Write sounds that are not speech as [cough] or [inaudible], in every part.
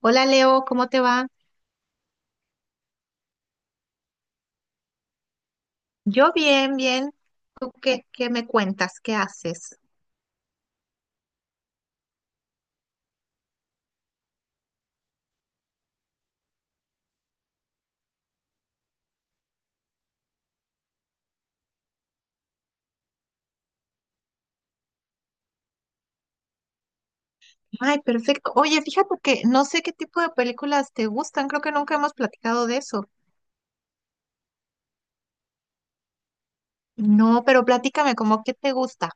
Hola Leo, ¿cómo te va? Yo bien, bien. ¿Tú qué me cuentas? ¿Qué haces? Ay, perfecto. Oye, fíjate que no sé qué tipo de películas te gustan. Creo que nunca hemos platicado de eso. No, pero platícame, ¿cómo qué te gusta?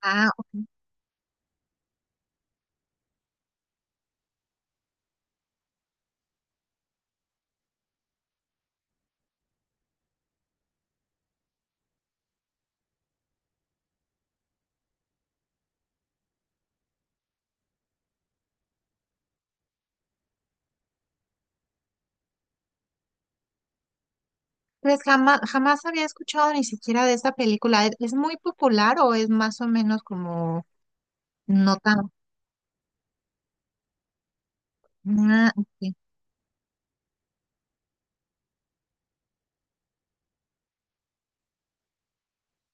Ah, ok. Pues jamás, jamás había escuchado ni siquiera de esa película. ¿Es muy popular o es más o menos como? No tan. Ah, ok,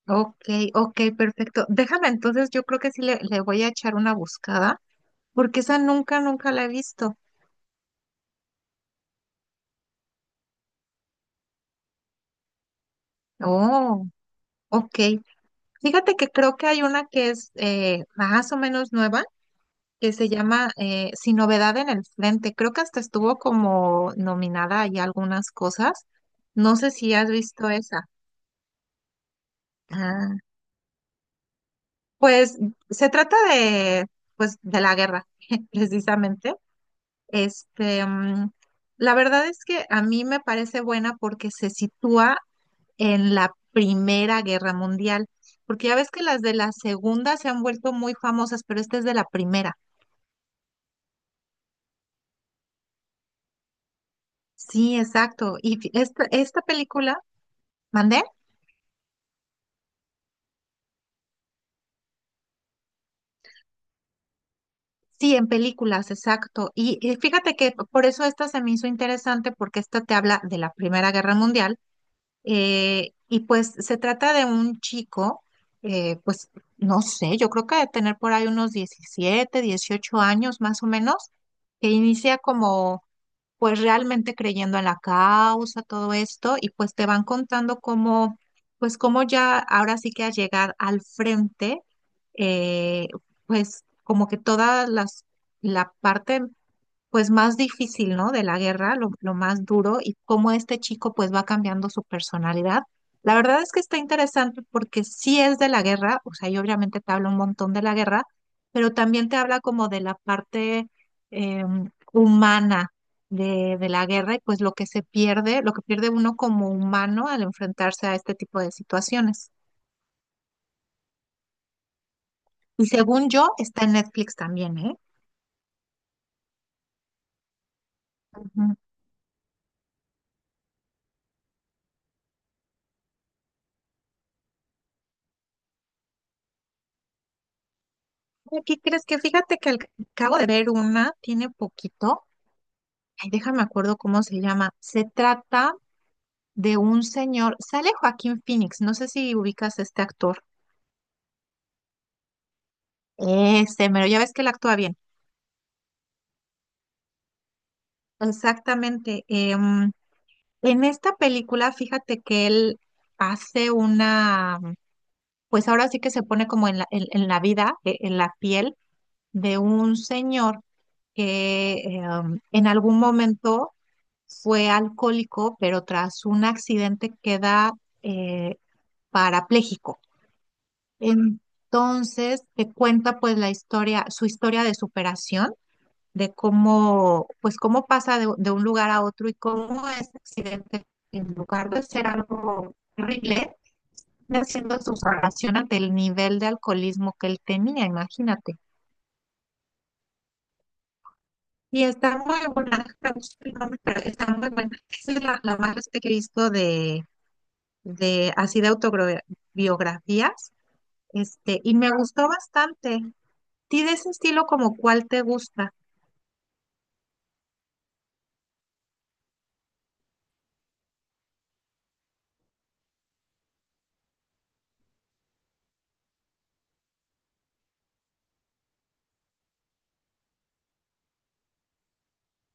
ok, ok, perfecto. Déjame entonces, yo creo que sí le voy a echar una buscada, porque esa nunca, nunca la he visto. Oh, ok. Fíjate que creo que hay una que es más o menos nueva, que se llama Sin novedad en el frente. Creo que hasta estuvo como nominada ahí a algunas cosas. No sé si has visto esa. Ah, pues se trata de, pues, de la guerra, [laughs] precisamente. Este, mm, la verdad es que a mí me parece buena porque se sitúa en la Primera Guerra Mundial, porque ya ves que las de la Segunda se han vuelto muy famosas, pero esta es de la Primera. Sí, exacto. Y esta película, ¿mandé? Sí, en películas, exacto. Y fíjate que por eso esta se me hizo interesante porque esta te habla de la Primera Guerra Mundial. Y pues se trata de un chico, pues no sé, yo creo que de tener por ahí unos 17 18 años más o menos, que inicia como pues realmente creyendo en la causa, todo esto, y pues te van contando cómo, pues cómo ya ahora sí que al llegar al frente, eh, pues como que la parte pues más difícil, ¿no? De la guerra, lo más duro y cómo este chico pues va cambiando su personalidad. La verdad es que está interesante porque sí es de la guerra, o sea, yo obviamente te hablo un montón de la guerra, pero también te habla como de la parte eh, humana de la guerra y pues lo que se pierde, lo que pierde uno como humano al enfrentarse a este tipo de situaciones. Y según yo, está en Netflix también, ¿eh? Ujú. ¿Y crees que fíjate que acabo de ver una, tiene poquito, ay, déjame acuerdo cómo se llama. Se trata de un señor, sale Joaquín Phoenix, no sé si ubicas a este actor. Ese, pero ya ves que él actúa bien. Exactamente. En esta película, fíjate que él hace una, pues ahora sí que se pone como en la vida, en la piel de un señor que en algún momento fue alcohólico, pero tras un accidente queda eh, parapléjico. Entonces, te cuenta pues la historia, su historia de superación, de cómo, pues cómo pasa de un lugar a otro y cómo ese accidente, en lugar de ser algo horrible, está haciendo su salvación ante el nivel de alcoholismo que él tenía, imagínate. Y está muy buena, [laughs] no sé el nombre, pero está muy buena. Esa es la más que he visto de, así de autobiografías, este, y me gustó bastante. ¿Ti de ese estilo como cuál te gusta?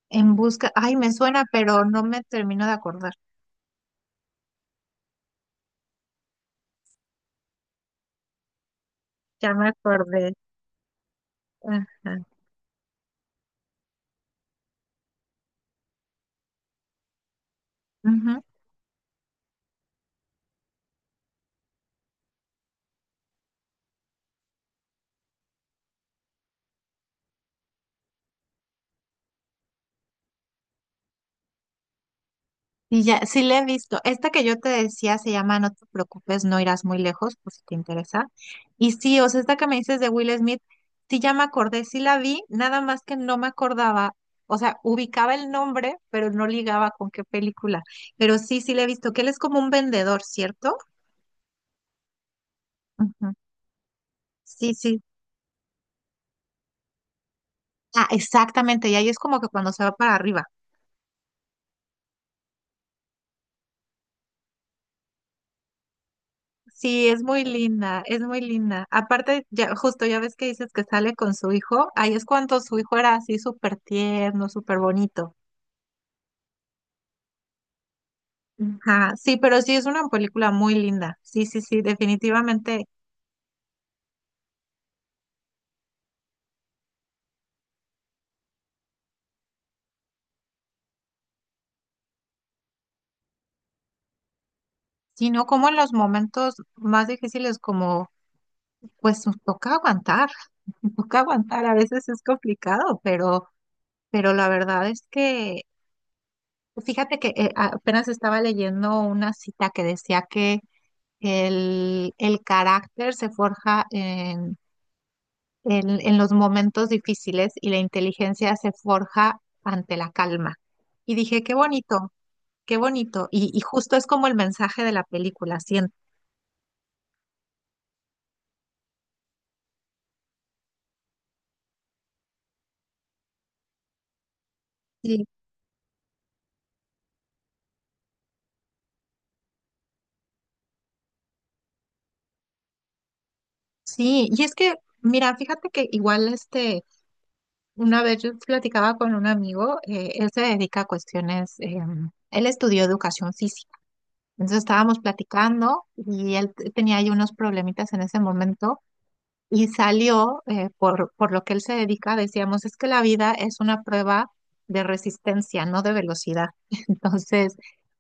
En busca, ay, me suena, pero no me termino de acordar. Ya me acordé. Ajá. Ujú. Y ya, sí la he visto. Esta que yo te decía se llama No te preocupes, no irás muy lejos, pues si te interesa. Y sí, o sea, esta que me dices de Will Smith, sí ya me acordé, sí la vi, nada más que no me acordaba, o sea, ubicaba el nombre, pero no ligaba con qué película. Pero sí, sí la he visto, que él es como un vendedor, ¿cierto? Ujú. Sí, sí. Ah, exactamente, y ahí es como que cuando se va para arriba. Sí, es muy linda, es muy linda. Aparte, ya, justo ya ves que dices que sale con su hijo, ahí es cuando su hijo era así súper tierno, súper bonito. Ajá, sí, pero sí es una película muy linda. Sí, sí, sí, definitivamente. Sino como en los momentos más difíciles, como pues nos toca aguantar, [laughs] nos toca aguantar. A veces es complicado, pero la verdad es que, fíjate que apenas estaba leyendo una cita que decía que el carácter se forja en, en los momentos difíciles y la inteligencia se forja ante la calma. Y dije, qué bonito, qué bonito. Y justo es como el mensaje de la película, siento. Sí, sí, y es que, mira, fíjate que igual este, una vez yo platicaba con un amigo, él se dedica a cuestiones, él estudió educación física. Entonces estábamos platicando y él tenía ahí unos problemitas en ese momento, y salió, por lo que él se dedica, decíamos, es que la vida es una prueba de resistencia, no de velocidad. [laughs] Entonces,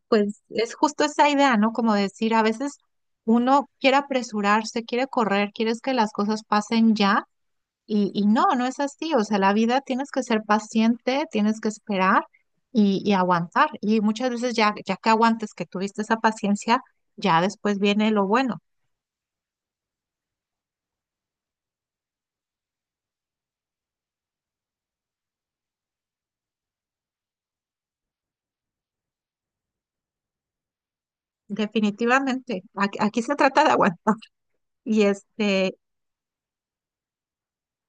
pues es justo esa idea, ¿no? Como decir, a veces uno quiere apresurarse, quiere correr, quieres que las cosas pasen ya, y no, no es así. O sea, la vida tienes que ser paciente, tienes que esperar y aguantar. Y muchas veces ya, ya que aguantes, que tuviste esa paciencia, ya después viene lo bueno. Definitivamente, aquí se trata de aguantar. Y este,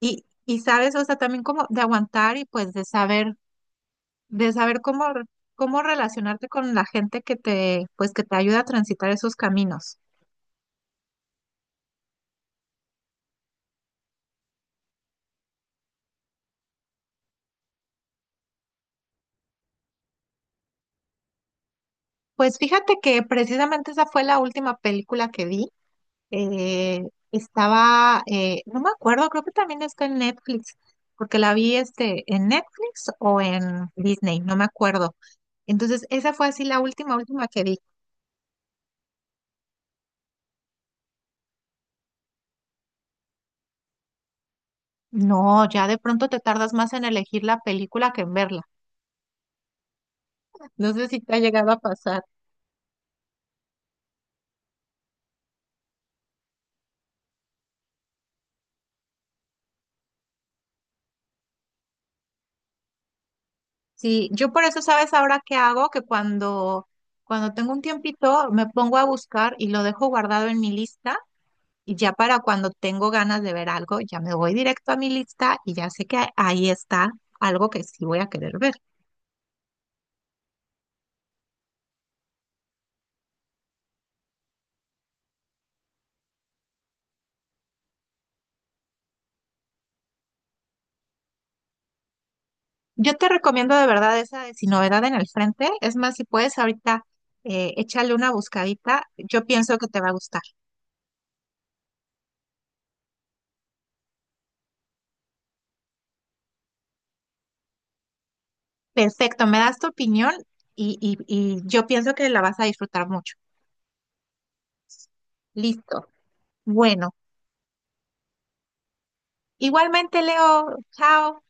y sabes, o sea, también como de aguantar y pues de saber, de saber cómo, re- cómo relacionarte con la gente que te, pues que te ayuda a transitar esos caminos. Pues fíjate que precisamente esa fue la última película que vi. Eh, Estaba, no me acuerdo, creo que también está en Netflix, porque la vi este, en Netflix o en Disney, no me acuerdo. Entonces, esa fue así la última, última que vi. No, ya de pronto te tardas más en elegir la película que en verla. No sé si te ha llegado a pasar. Sí, yo por eso, ¿sabes ahora qué hago? Que cuando tengo un tiempito me pongo a buscar y lo dejo guardado en mi lista y ya para cuando tengo ganas de ver algo, ya me voy directo a mi lista y ya sé que ahí está algo que sí voy a querer ver. Yo te recomiendo de verdad esa de Sin Novedad en el Frente. Es más, si puedes ahorita échale una buscadita, yo pienso que te va a gustar. Perfecto, me das tu opinión y, y yo pienso que la vas a disfrutar mucho. Listo. Bueno, igualmente Leo, chao.